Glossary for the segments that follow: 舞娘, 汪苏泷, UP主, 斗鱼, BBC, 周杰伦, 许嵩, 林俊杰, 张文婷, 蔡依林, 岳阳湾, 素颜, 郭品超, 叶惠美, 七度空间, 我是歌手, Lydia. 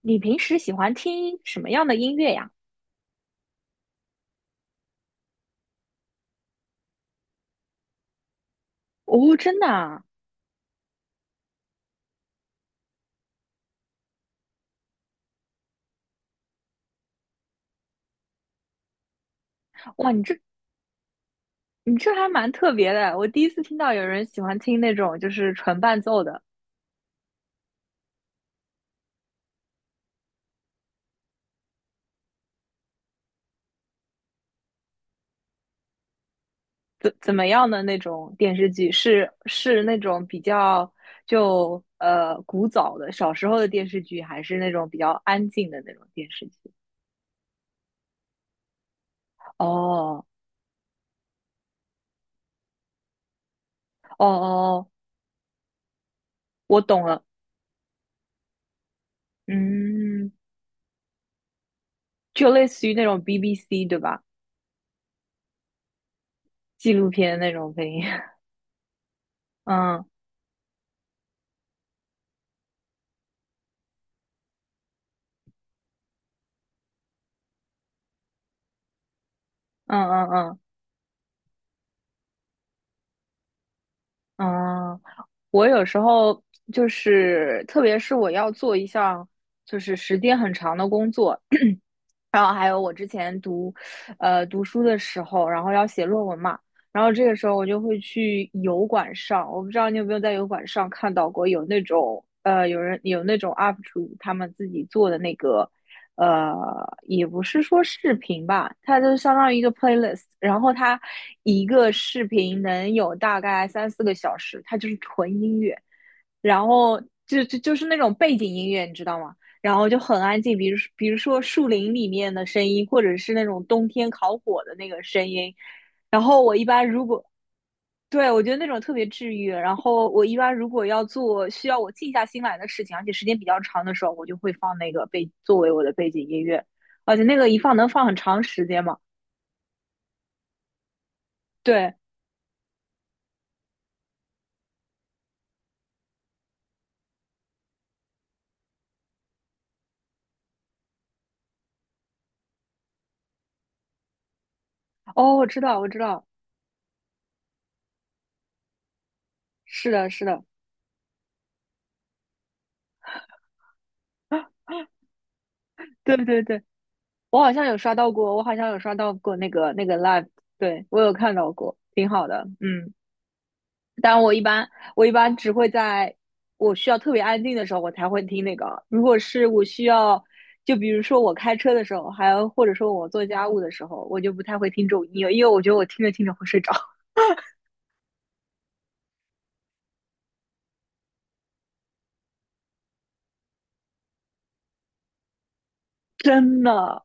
你平时喜欢听什么样的音乐呀？哦，真的啊，哇，你这还蛮特别的，我第一次听到有人喜欢听那种就是纯伴奏的。怎么样的那种电视剧？是那种比较就古早的小时候的电视剧，还是那种比较安静的那种电视剧？哦哦哦，我懂了，嗯，就类似于那种 BBC 对吧？纪录片那种配音，嗯嗯嗯嗯嗯。我有时候就是，特别是我要做一项就是时间很长的工作，然后还有我之前读书的时候，然后要写论文嘛。然后这个时候我就会去油管上，我不知道你有没有在油管上看到过有那种，有人有那种 UP 主他们自己做的那个，呃，也不是说视频吧，它就相当于一个 playlist，然后它一个视频能有大概三四个小时，它就是纯音乐。然后就是那种背景音乐，你知道吗？然后就很安静，比如说树林里面的声音，或者是那种冬天烤火的那个声音。然后我一般如果对，我觉得那种特别治愈。然后我一般如果要做需要我静下心来的事情，而且时间比较长的时候，我就会放那个作为我的背景音乐，而且那个一放能放很长时间嘛。对，哦，我知道，我知道，是的，是的，对对对。我好像有刷到过那个 live，对，我有看到过，挺好的，嗯。但我一般只会在我需要特别安静的时候，我才会听那个。如果是我需要，就比如说我开车的时候，还有或者说我做家务的时候，我就不太会听这种音乐，因为我觉得我听着听着会睡着，真的，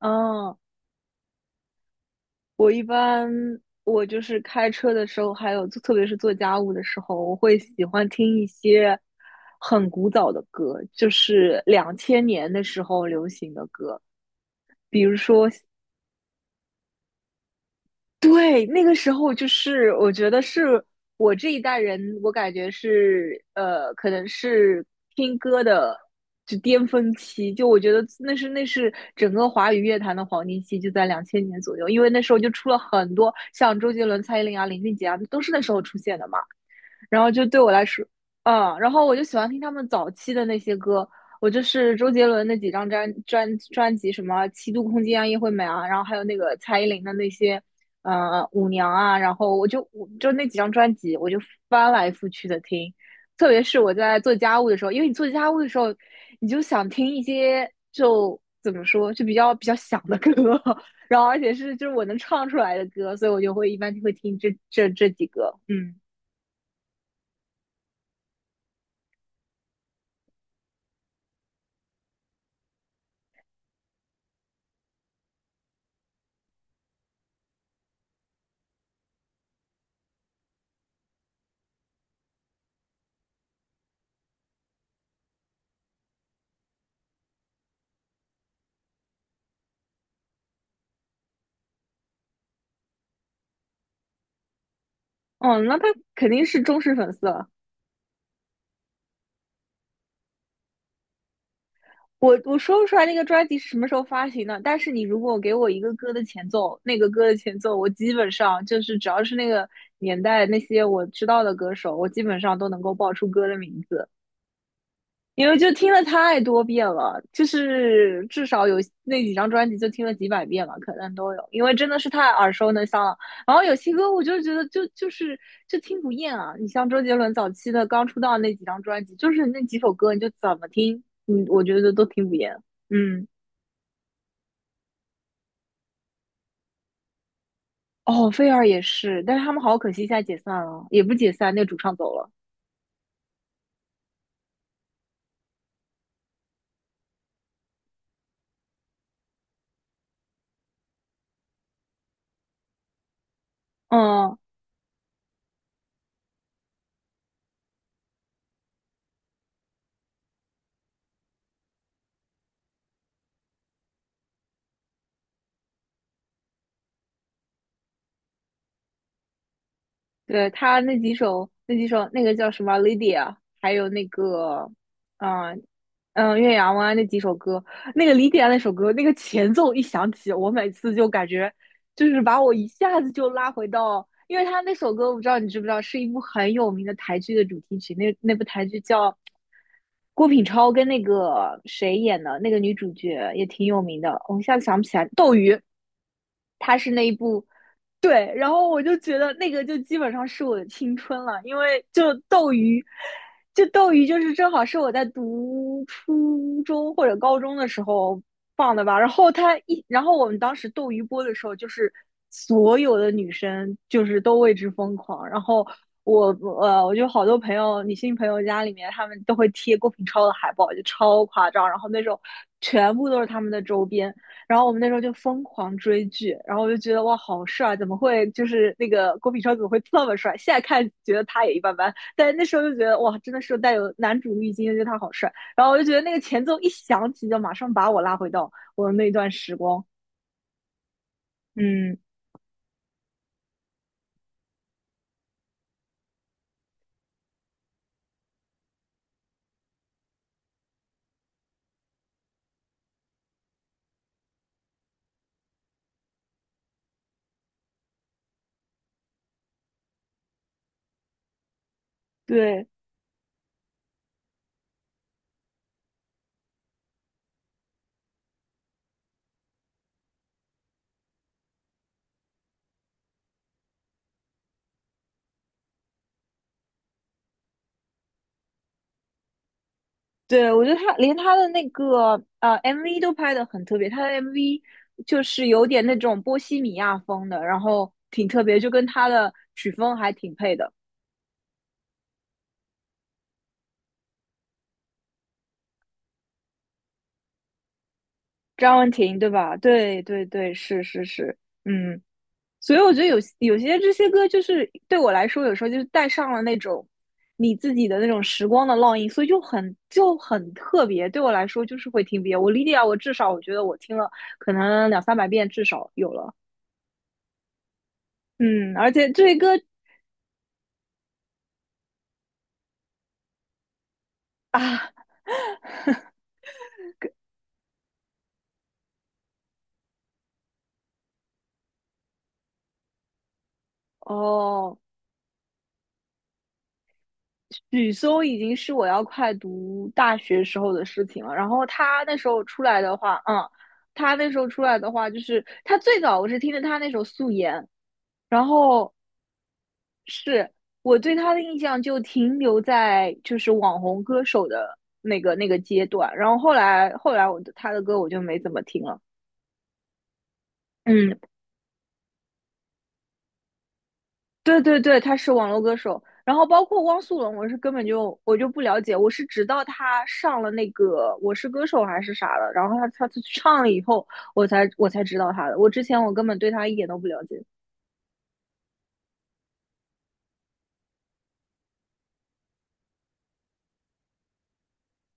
嗯。我一般我就是开车的时候，还有特别是做家务的时候，我会喜欢听一些很古早的歌，就是两千年的时候流行的歌，比如说对，那个时候就是我觉得是我这一代人，我感觉是可能是听歌的就巅峰期，就我觉得那是整个华语乐坛的黄金期，就在两千年左右，因为那时候就出了很多像周杰伦、蔡依林啊、林俊杰啊，都是那时候出现的嘛。然后就对我来说，嗯，然后我就喜欢听他们早期的那些歌。我就是周杰伦那几张专辑，什么《七度空间》啊、叶惠美啊，然后还有那个蔡依林的那些，呃，舞娘啊。然后我就那几张专辑，我就翻来覆去的听，特别是我在做家务的时候，因为你做家务的时候，你就想听一些，就怎么说，就比较响的歌，然后而且是就是我能唱出来的歌，所以我就会一般就会听这几个，嗯。哦，那他肯定是忠实粉丝了。我说不出来那个专辑是什么时候发行的，但是你如果给我一个歌的前奏，那个歌的前奏，我基本上就是只要是那个年代那些我知道的歌手，我基本上都能够报出歌的名字。因为就听了太多遍了，就是至少有那几张专辑就听了几百遍了，可能都有，因为真的是太耳熟能详了。然后有些歌我就觉得就是就听不厌啊，你像周杰伦早期的刚出道那几张专辑，就是那几首歌你就怎么听，嗯，我觉得都听不厌。嗯，哦，菲儿也是，但是他们好可惜现在解散了，也不解散，那个主唱走了。嗯，对，他那几首，那个叫什么《Lydia》，还有那个，嗯嗯，《岳阳湾》那几首歌。那个《Lydia》那首歌，那个前奏一响起，我每次就感觉，就是把我一下子就拉回到，因为他那首歌，我不知道你知不知道，是一部很有名的台剧的主题曲。那部台剧叫郭品超跟那个谁演的，那个女主角也挺有名的，我一下子想不起来，斗鱼，她是那一部。对，然后我就觉得那个就基本上是我的青春了，因为就斗鱼，就斗鱼就是正好是我在读初中或者高中的时候放的吧。然后它一，然后我们当时斗鱼播的时候，就是所有的女生就是都为之疯狂。然后我我就好多朋友，女性朋友家里面，他们都会贴郭品超的海报，就超夸张。然后那时候全部都是他们的周边。然后我们那时候就疯狂追剧，然后我就觉得哇，好帅！怎么会就是那个郭品超怎么会这么帅？现在看觉得他也一般般，但是那时候就觉得哇，真的是带有男主滤镜，就觉得他好帅。然后我就觉得那个前奏一响起，就马上把我拉回到我的那段时光。嗯，对对，我觉得他连他的那个MV 都拍的很特别，他的 MV 就是有点那种波西米亚风的，然后挺特别，就跟他的曲风还挺配的。张文婷对吧？对对对，是是是，嗯。所以我觉得有些这些歌就是对我来说，有时候就是带上了那种你自己的那种时光的烙印，所以就很特别。对我来说，就是会听遍。我莉莉娅，我至少我觉得我听了可能两三百遍，至少有了。嗯，而且这些歌啊，哦，许嵩已经是我要快读大学时候的事情了。然后他那时候出来的话，他那时候出来的话，就是他最早我是听着他那首《素颜》，然后是我对他的印象就停留在就是网红歌手的那个阶段。然后后来他的歌我就没怎么听了。嗯，对对对，他是网络歌手。然后包括汪苏泷，我是根本就我就不了解，我是直到他上了那个《我是歌手》还是啥的，然后他去唱了以后，我才知道他的。我之前我根本对他一点都不了解，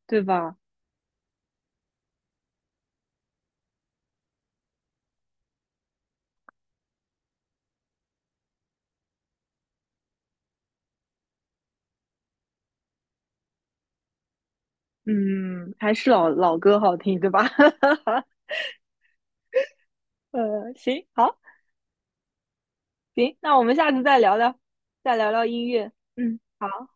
对吧？嗯，还是老歌好听，对吧？行，好，行，那我们下次再聊聊，再聊聊音乐。嗯，好。